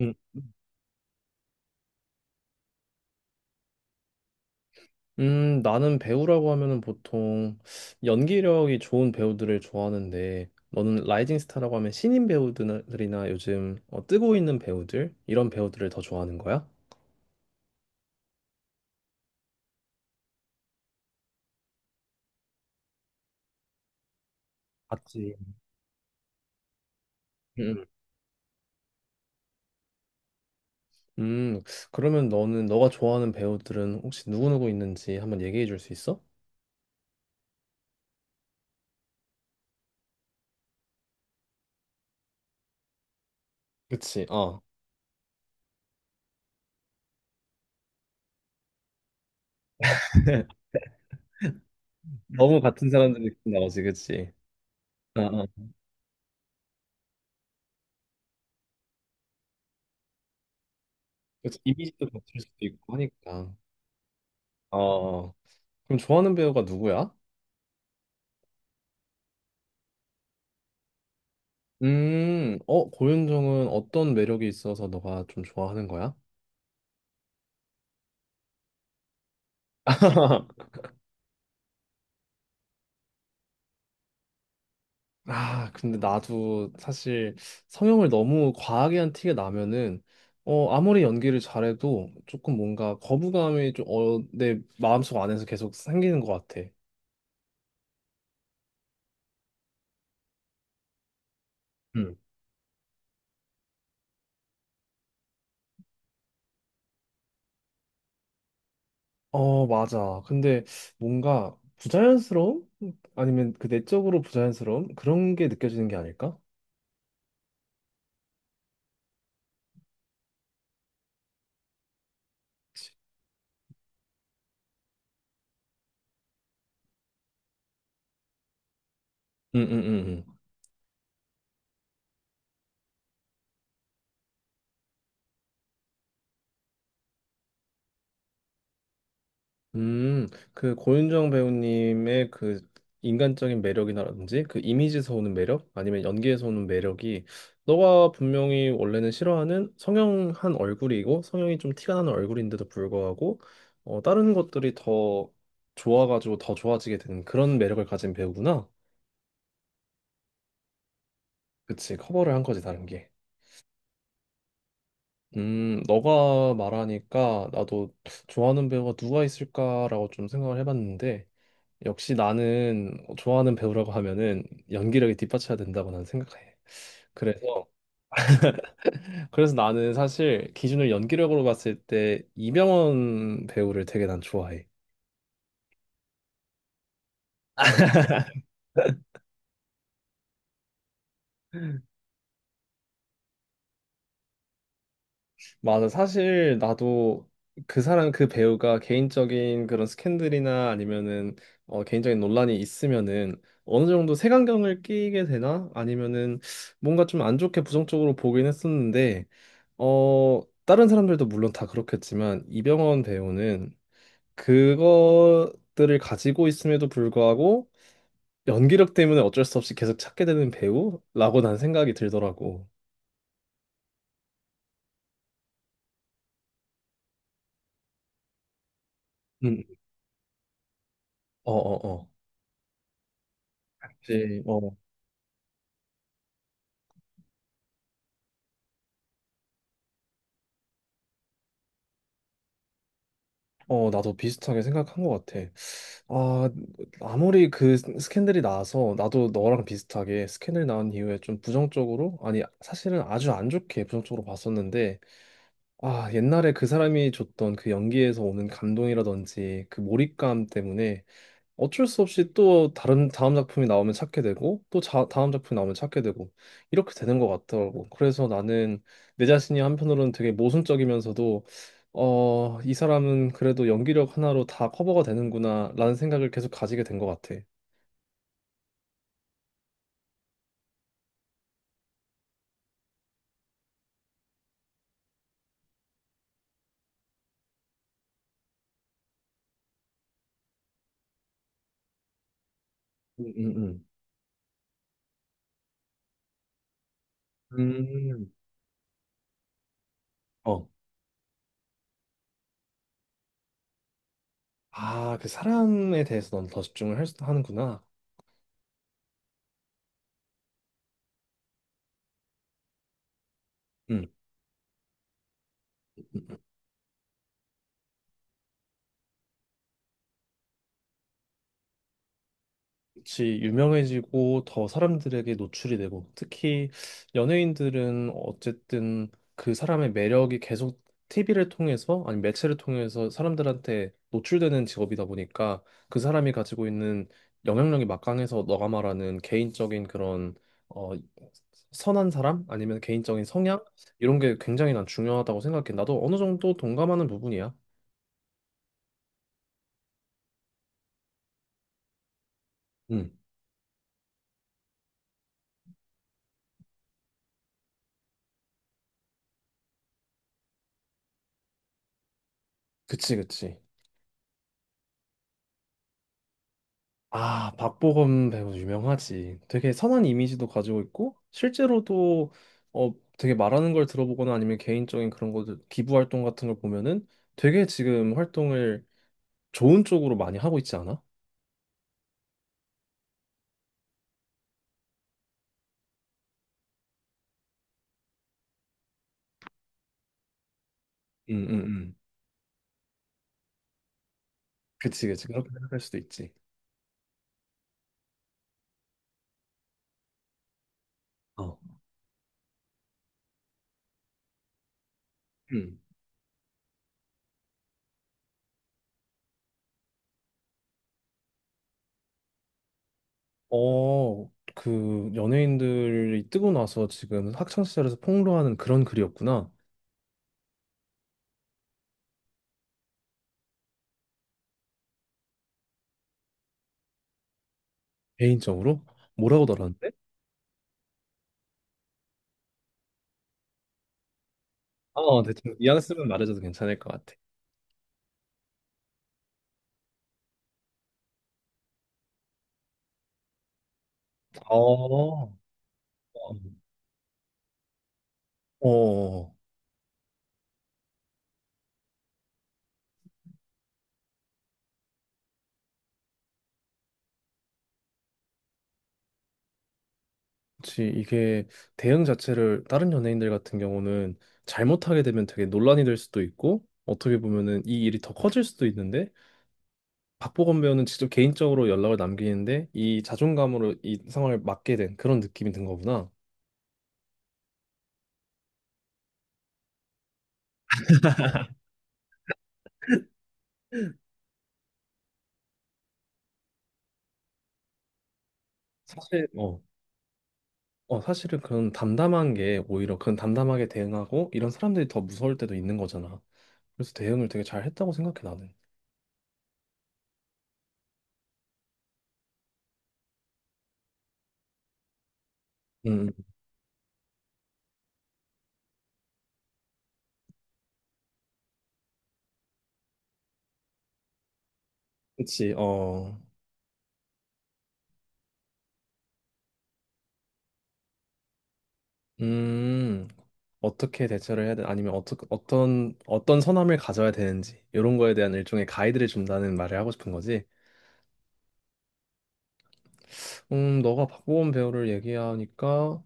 음, 나는 배우라고 하면은 보통 연기력이 좋은 배우들을 좋아하는데, 너는 라이징 스타라고 하면 신인 배우들이나 요즘 뜨고 있는 배우들, 이런 배우들을 더 좋아하는 거야? 맞지. 음. 음, 그러면 너가 좋아하는 배우들은 혹시 누구누구 있는지 한번 얘기해 줄 수 있어? 그치, 어. 너무 같은 사람들이 나오지, 그치? 어, 어. 그치, 이미지도 같을 수도 있고 하니까. 어, 그럼 좋아하는 배우가 누구야? 어, 고윤정은 어떤 매력이 있어서 너가 좀 좋아하는 거야? 아, 근데 나도 사실 성형을 너무 과하게 한 티가 나면은 아무리 연기를 잘해도 조금 뭔가 거부감이 좀 내 마음속 안에서 계속 생기는 것 같아. 음. 어, 맞아. 근데 뭔가 부자연스러움? 아니면 그 내적으로 부자연스러움? 그런 게 느껴지는 게 아닐까? 응, 응, 응. 음, 그 고윤정 배우님의 그 인간적인 매력이라든지 그 이미지에서 오는 매력 아니면 연기에서 오는 매력이 너가 분명히 원래는 싫어하는 성형한 얼굴이고 성형이 좀 티가 나는 얼굴인데도 불구하고 다른 것들이 더 좋아가지고 더 좋아지게 되는 그런 매력을 가진 배우구나. 그치, 커버를 한 거지 다른 게. 너가 말하니까 나도 좋아하는 배우가 누가 있을까라고 좀 생각을 해봤는데 역시 나는 좋아하는 배우라고 하면은 연기력이 뒷받쳐야 된다고 난 생각해. 그래서 그래서 나는 사실 기준을 연기력으로 봤을 때 이병헌 배우를 되게 난 좋아해. 맞아. 사실 나도 그 사람 그 배우가 개인적인 그런 스캔들이나 아니면은 개인적인 논란이 있으면은 어느 정도 색안경을 끼게 되나 아니면은 뭔가 좀 안 좋게 부정적으로 보긴 했었는데 다른 사람들도 물론 다 그렇겠지만 이병헌 배우는 그것들을 가지고 있음에도 불구하고 연기력 때문에 어쩔 수 없이 계속 찾게 되는 배우라고 난 생각이 들더라고. 음, 어, 어, 어. 이 어, 어, 나도 비슷하게 생각한 것 같아. 아, 아무리 그 스캔들이 나서 나도 너랑 비슷하게 스캔들 나온 이후에 좀 부정적으로, 아니, 사실은 아주 안 좋게 부정적으로 봤었는데, 아, 옛날에 그 사람이 줬던 그 연기에서 오는 감동이라든지 그 몰입감 때문에 어쩔 수 없이 또 다른 다음 작품이 나오면 찾게 되고 또 다음 작품이 나오면 찾게 되고 이렇게 되는 것 같더라고. 그래서 나는 내 자신이 한편으로는 되게 모순적이면서도 어, 이 사람은 그래도 연기력 하나로 다 커버가 되는구나라는 생각을 계속 가지게 된 것 같아. 음, 음, 음. 음. 어, 아, 그 사람에 대해서 넌 더 집중을 하는구나. 음. 같이 유명해지고 더 사람들에게 노출이 되고 특히 연예인들은 어쨌든 그 사람의 매력이 계속 TV를 통해서 아니 매체를 통해서 사람들한테 노출되는 직업이다 보니까 그 사람이 가지고 있는 영향력이 막강해서 너가 말하는 개인적인 그런 어 선한 사람 아니면 개인적인 성향 이런 게 굉장히 난 중요하다고 생각해. 나도 어느 정도 동감하는 부분이야. 음, 그치, 그치. 아, 박보검 배우 유명하지. 되게 선한 이미지도 가지고 있고, 실제로도 어, 되게 말하는 걸 들어보거나 아니면 개인적인 그런 것들, 기부 활동 같은 걸 보면은 되게 지금 활동을 좋은 쪽으로 많이 하고 있지 않아? 응, 응, 응. 그치, 그치. 그렇게 생각할 수도 있지. 어. 음. 어, 그 연예인들이 뜨고 나서 지금 학창시절에서 폭로하는 그런 글이었구나. 개인적으로? 뭐라고 달았는데? 어, 대충 뉘앙스만 말해줘도 괜찮을 것 같아. 어. 어, 그치. 이게 대응 자체를 다른 연예인들 같은 경우는 잘못하게 되면 되게 논란이 될 수도 있고, 어떻게 보면은 이 일이 더 커질 수도 있는데, 박보검 배우는 직접 개인적으로 연락을 남기는데, 이 자존감으로 이 상황을 맞게 된 그런 느낌이 든 거구나. 사실, 어, 어, 사실은 그런 담담한 게 오히려 그런 담담하게 대응하고, 이런 사람들이 더 무서울 때도 있는 거잖아. 그래서 대응을 되게 잘 했다고 생각해, 나는. 음, 그치. 어. 음, 어떻게 대처를 해야 돼? 아니면 어떤 선함을 가져야 되는지, 이런 거에 대한 일종의 가이드를 준다는 말을 하고 싶은 거지. 너가 박보검 배우를 얘기하니까,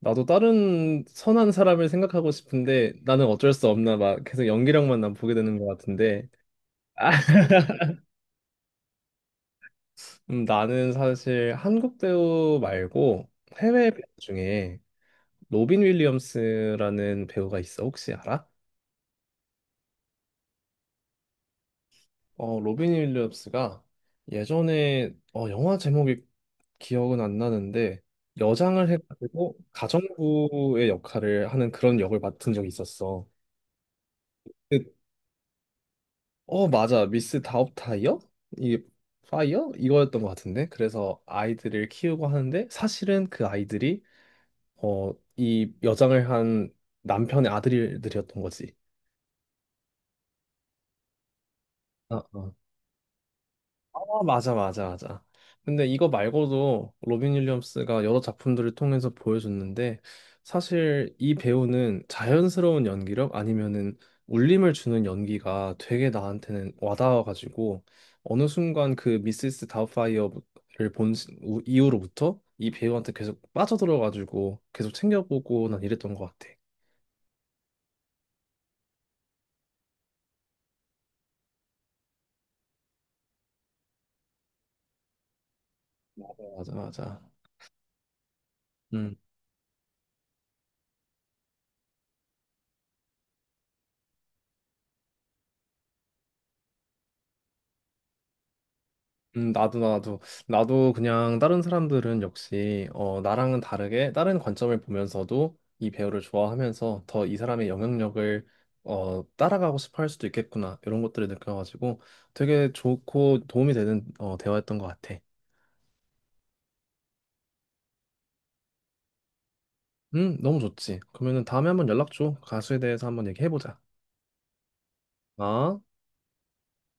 나도 다른 선한 사람을 생각하고 싶은데, 나는 어쩔 수 없나, 막 계속 연기력만 난 보게 되는 것 같은데. 아, 나는 사실 한국 배우 말고 해외 배우 중에 로빈 윌리엄스라는 배우가 있어. 혹시 알아? 어, 로빈 윌리엄스가 예전에 영화 제목이 기억은 안 나는데 여장을 해가지고 가정부의 역할을 하는 그런 역을 맡은 적이 있었어. 그- 어, 맞아. 미스 다업타이어? 이게 파이어? 이거였던 것 같은데. 그래서 아이들을 키우고 하는데 사실은 그 아이들이 어, 이 여장을 한 남편의 아들들이었던 거지. 아, 맞아, 맞아, 맞아. 근데 이거 말고도 로빈 윌리엄스가 여러 작품들을 통해서 보여줬는데 사실 이 배우는 자연스러운 연기력 아니면은 울림을 주는 연기가 되게 나한테는 와닿아가지고 어느 순간 그 미시스 다우파이어를 본 이후로부터 이 배우한테 계속 빠져들어가지고 계속 챙겨보고 난 이랬던 것 같아. 맞아, 맞아, 맞아. 음, 나도, 나도, 나도 그냥 다른 사람들은 역시 나랑은 다르게 다른 관점을 보면서도 이 배우를 좋아하면서 더 이 사람의 영향력을 따라가고 싶어 할 수도 있겠구나. 이런 것들을 느껴가지고 되게 좋고 도움이 되는 대화였던 것 같아. 너무 좋지. 그러면은 다음에 한번 연락 줘. 가수에 대해서 한번 얘기해보자. 아.